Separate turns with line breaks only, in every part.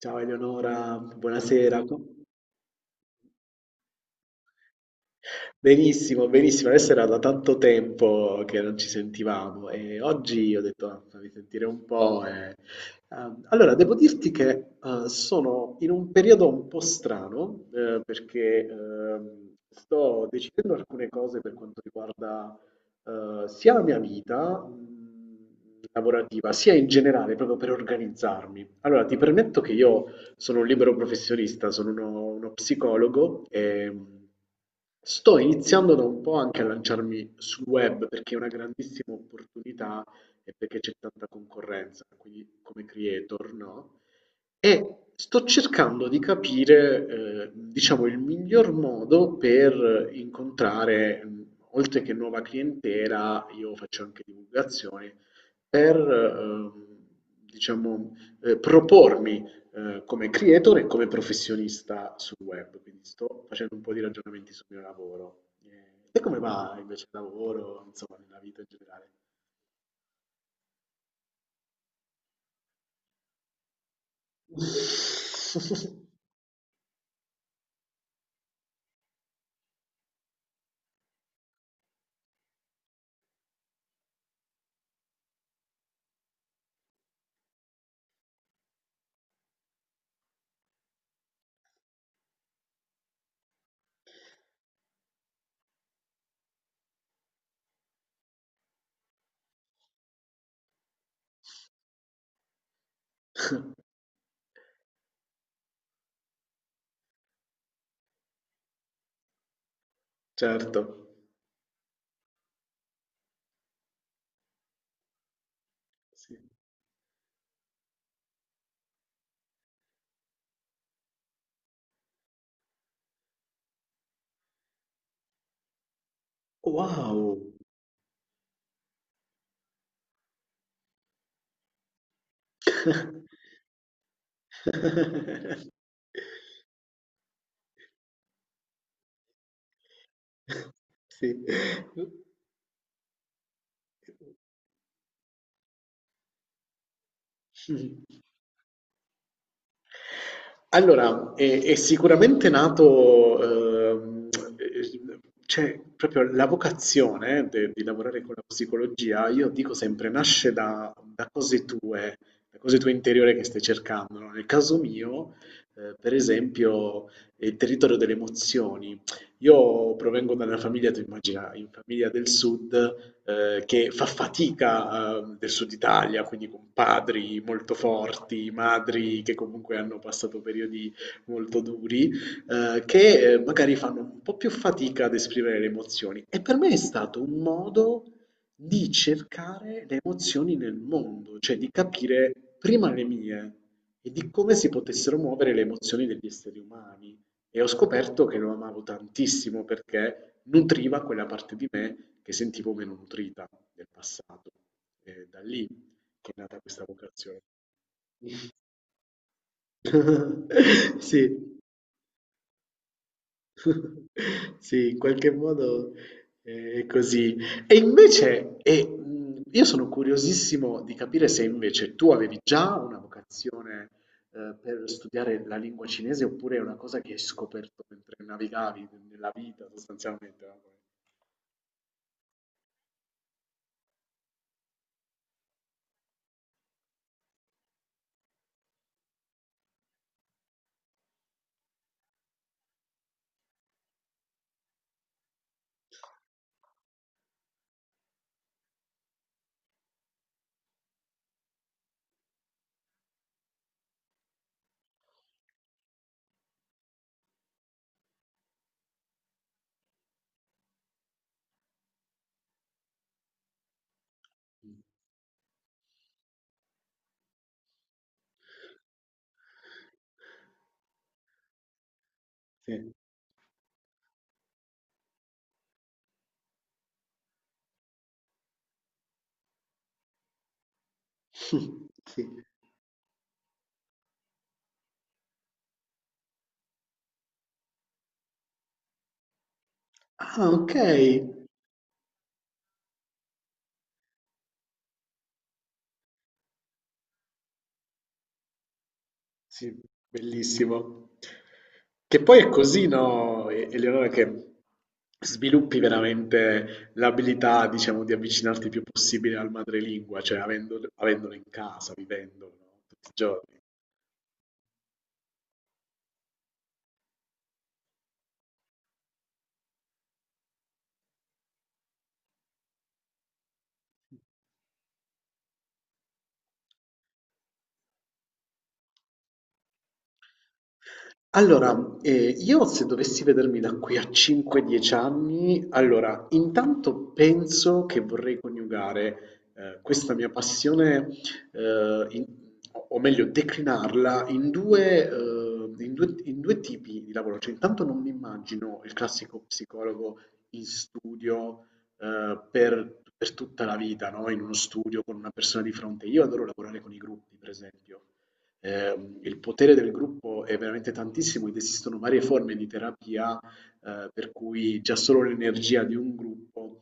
Ciao Eleonora, buonasera. Benissimo, benissimo. Adesso era da tanto tempo che non ci sentivamo e oggi ho detto, ah, fammi sentire un po'. Allora, devo dirti che sono in un periodo un po' strano, perché sto decidendo alcune cose per quanto riguarda sia la mia vita, lavorativa, sia in generale, proprio per organizzarmi. Allora, ti permetto che io sono un libero professionista, sono uno psicologo e sto iniziando da un po' anche a lanciarmi sul web perché è una grandissima opportunità e perché c'è tanta concorrenza, quindi come creator, no? E sto cercando di capire, diciamo, il miglior modo per incontrare, oltre che nuova clientela, io faccio anche divulgazione, per, diciamo, propormi, come creator e come professionista sul web. Quindi sto facendo un po' di ragionamenti sul mio lavoro. Te come va invece il lavoro, insomma, nella vita in generale? Certo. Sì. Wow! Sì. Mh. Allora, è sicuramente nato, ehm, cioè proprio la vocazione de di lavorare con la psicologia, io dico sempre, nasce da cose tue, da cose tue interiore che stai cercando, no, nel caso mio, per esempio, è il territorio delle emozioni. Io provengo da una famiglia, tu immagina, in famiglia del sud, che fa fatica, del sud Italia, quindi con padri molto forti, madri che comunque hanno passato periodi molto duri, che, magari fanno un po' più fatica ad esprimere le emozioni. E per me è stato un modo di cercare le emozioni nel mondo, cioè di capire prima le mie e di come si potessero muovere le emozioni degli esseri umani. E ho scoperto che lo amavo tantissimo perché nutriva quella parte di me che sentivo meno nutrita nel passato. E da lì che è nata questa vocazione. Sì. Sì, in qualche modo è così. E invece, io sono curiosissimo di capire se invece tu avevi già una vocazione per studiare la lingua cinese, oppure è una cosa che hai scoperto mentre navigavi nella vita sostanzialmente. No? Sì. Sì. Ah, okay. Sì, bellissimo. Che poi è così, no, Eleonora, che sviluppi veramente l'abilità, diciamo, di avvicinarti il più possibile al madrelingua, cioè avendolo in casa, vivendolo, no, tutti i giorni. Allora, io, se dovessi vedermi da qui a 5, 10 anni, allora intanto penso che vorrei coniugare, questa mia passione, in o meglio declinarla in 2, in 2 in 2 tipi di lavoro. Cioè intanto non mi immagino il classico psicologo in studio, per tutta la vita, no, in uno studio con una persona di fronte. Io adoro lavorare con i gruppi, per esempio. Il potere del gruppo è veramente tantissimo ed esistono varie forme di terapia, per cui già solo l'energia di un gruppo,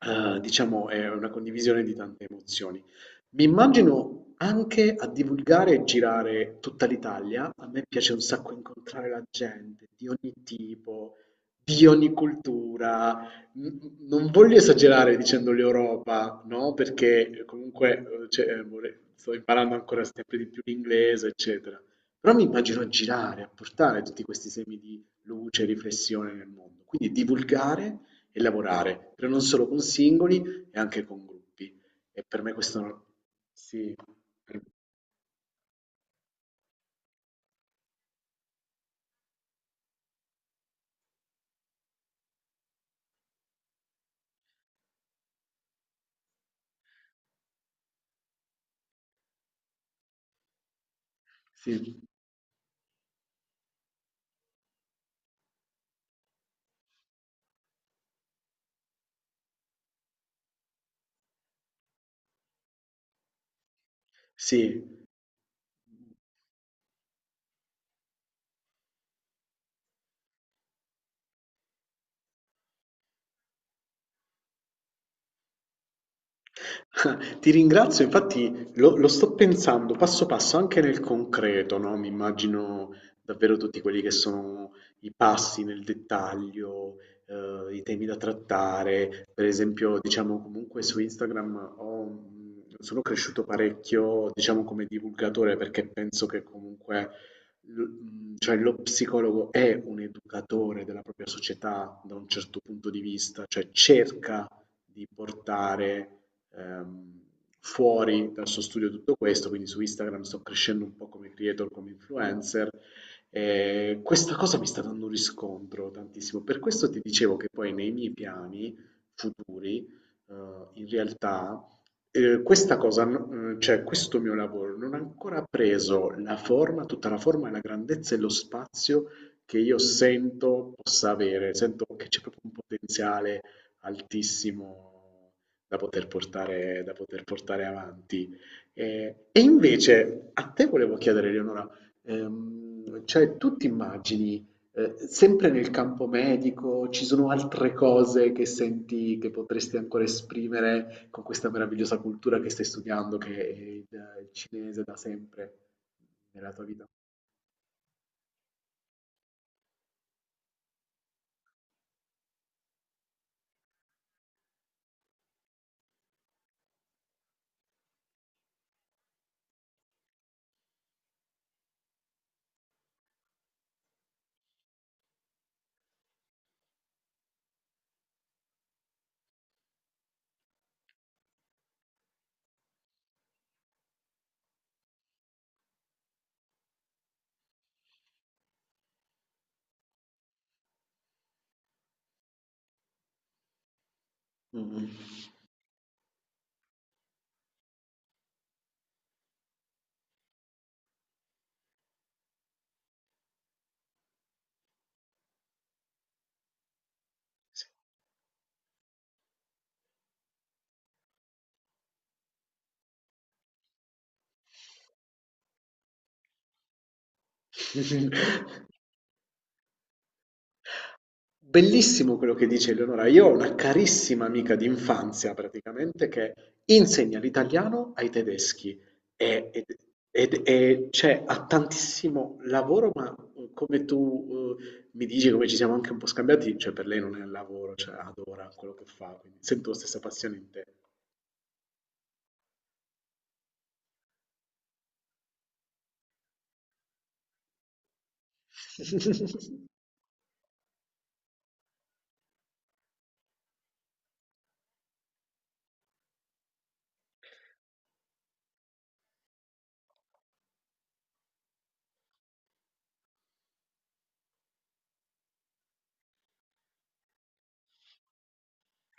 diciamo, è una condivisione di tante emozioni. Mi immagino anche a divulgare e girare tutta l'Italia. A me piace un sacco incontrare la gente di ogni tipo, di ogni cultura. Non voglio esagerare dicendo l'Europa, no? Perché comunque, cioè, sto imparando ancora sempre di più l'inglese, eccetera. Però mi immagino a girare, a portare tutti questi semi di luce e riflessione nel mondo. Quindi divulgare e lavorare, però non solo con singoli e anche con gruppi. E per me questo sì, per- sì, sì. Ti ringrazio, infatti lo sto pensando passo passo anche nel concreto, no? Mi immagino davvero tutti quelli che sono i passi nel dettaglio, i temi da trattare. Per esempio, diciamo, comunque su Instagram sono cresciuto parecchio, diciamo come divulgatore, perché penso che comunque, cioè, lo psicologo è un educatore della propria società da un certo punto di vista, cioè cerca di portare ehm, fuori dal suo studio tutto questo, quindi su Instagram sto crescendo un po' come creator, come influencer. E questa cosa mi sta dando un riscontro tantissimo. Per questo ti dicevo che poi nei miei piani futuri, eh, in realtà, questa cosa, cioè questo mio lavoro non ha ancora preso la forma, tutta la forma e la grandezza e lo spazio che io sento possa avere. Sento che c'è proprio un potenziale altissimo da poter portare avanti. Invece a te volevo chiedere, Leonora, cioè tu ti immagini sempre nel campo medico, ci sono altre cose che senti che potresti ancora esprimere con questa meravigliosa cultura che stai studiando, che è il cinese da sempre nella tua vita? Mm. Sì. Bellissimo quello che dice Eleonora. Io ho una carissima amica di infanzia praticamente che insegna l'italiano ai tedeschi e, ed- e c'è ha tantissimo lavoro, ma, come tu, mi dici, come ci siamo anche un po' scambiati, cioè per lei non è lavoro, cioè adora quello che fa, quindi sento la stessa passione in te.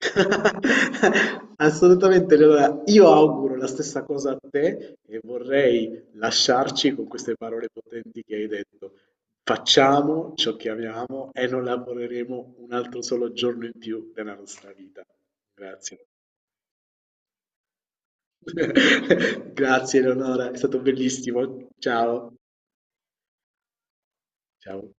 Assolutamente, Leonora. Io auguro la stessa cosa a te e vorrei lasciarci con queste parole potenti che hai detto. Facciamo ciò che amiamo e non lavoreremo un altro solo giorno in più della nostra vita. Grazie. Grazie, Leonora, è stato bellissimo. Ciao. Ciao.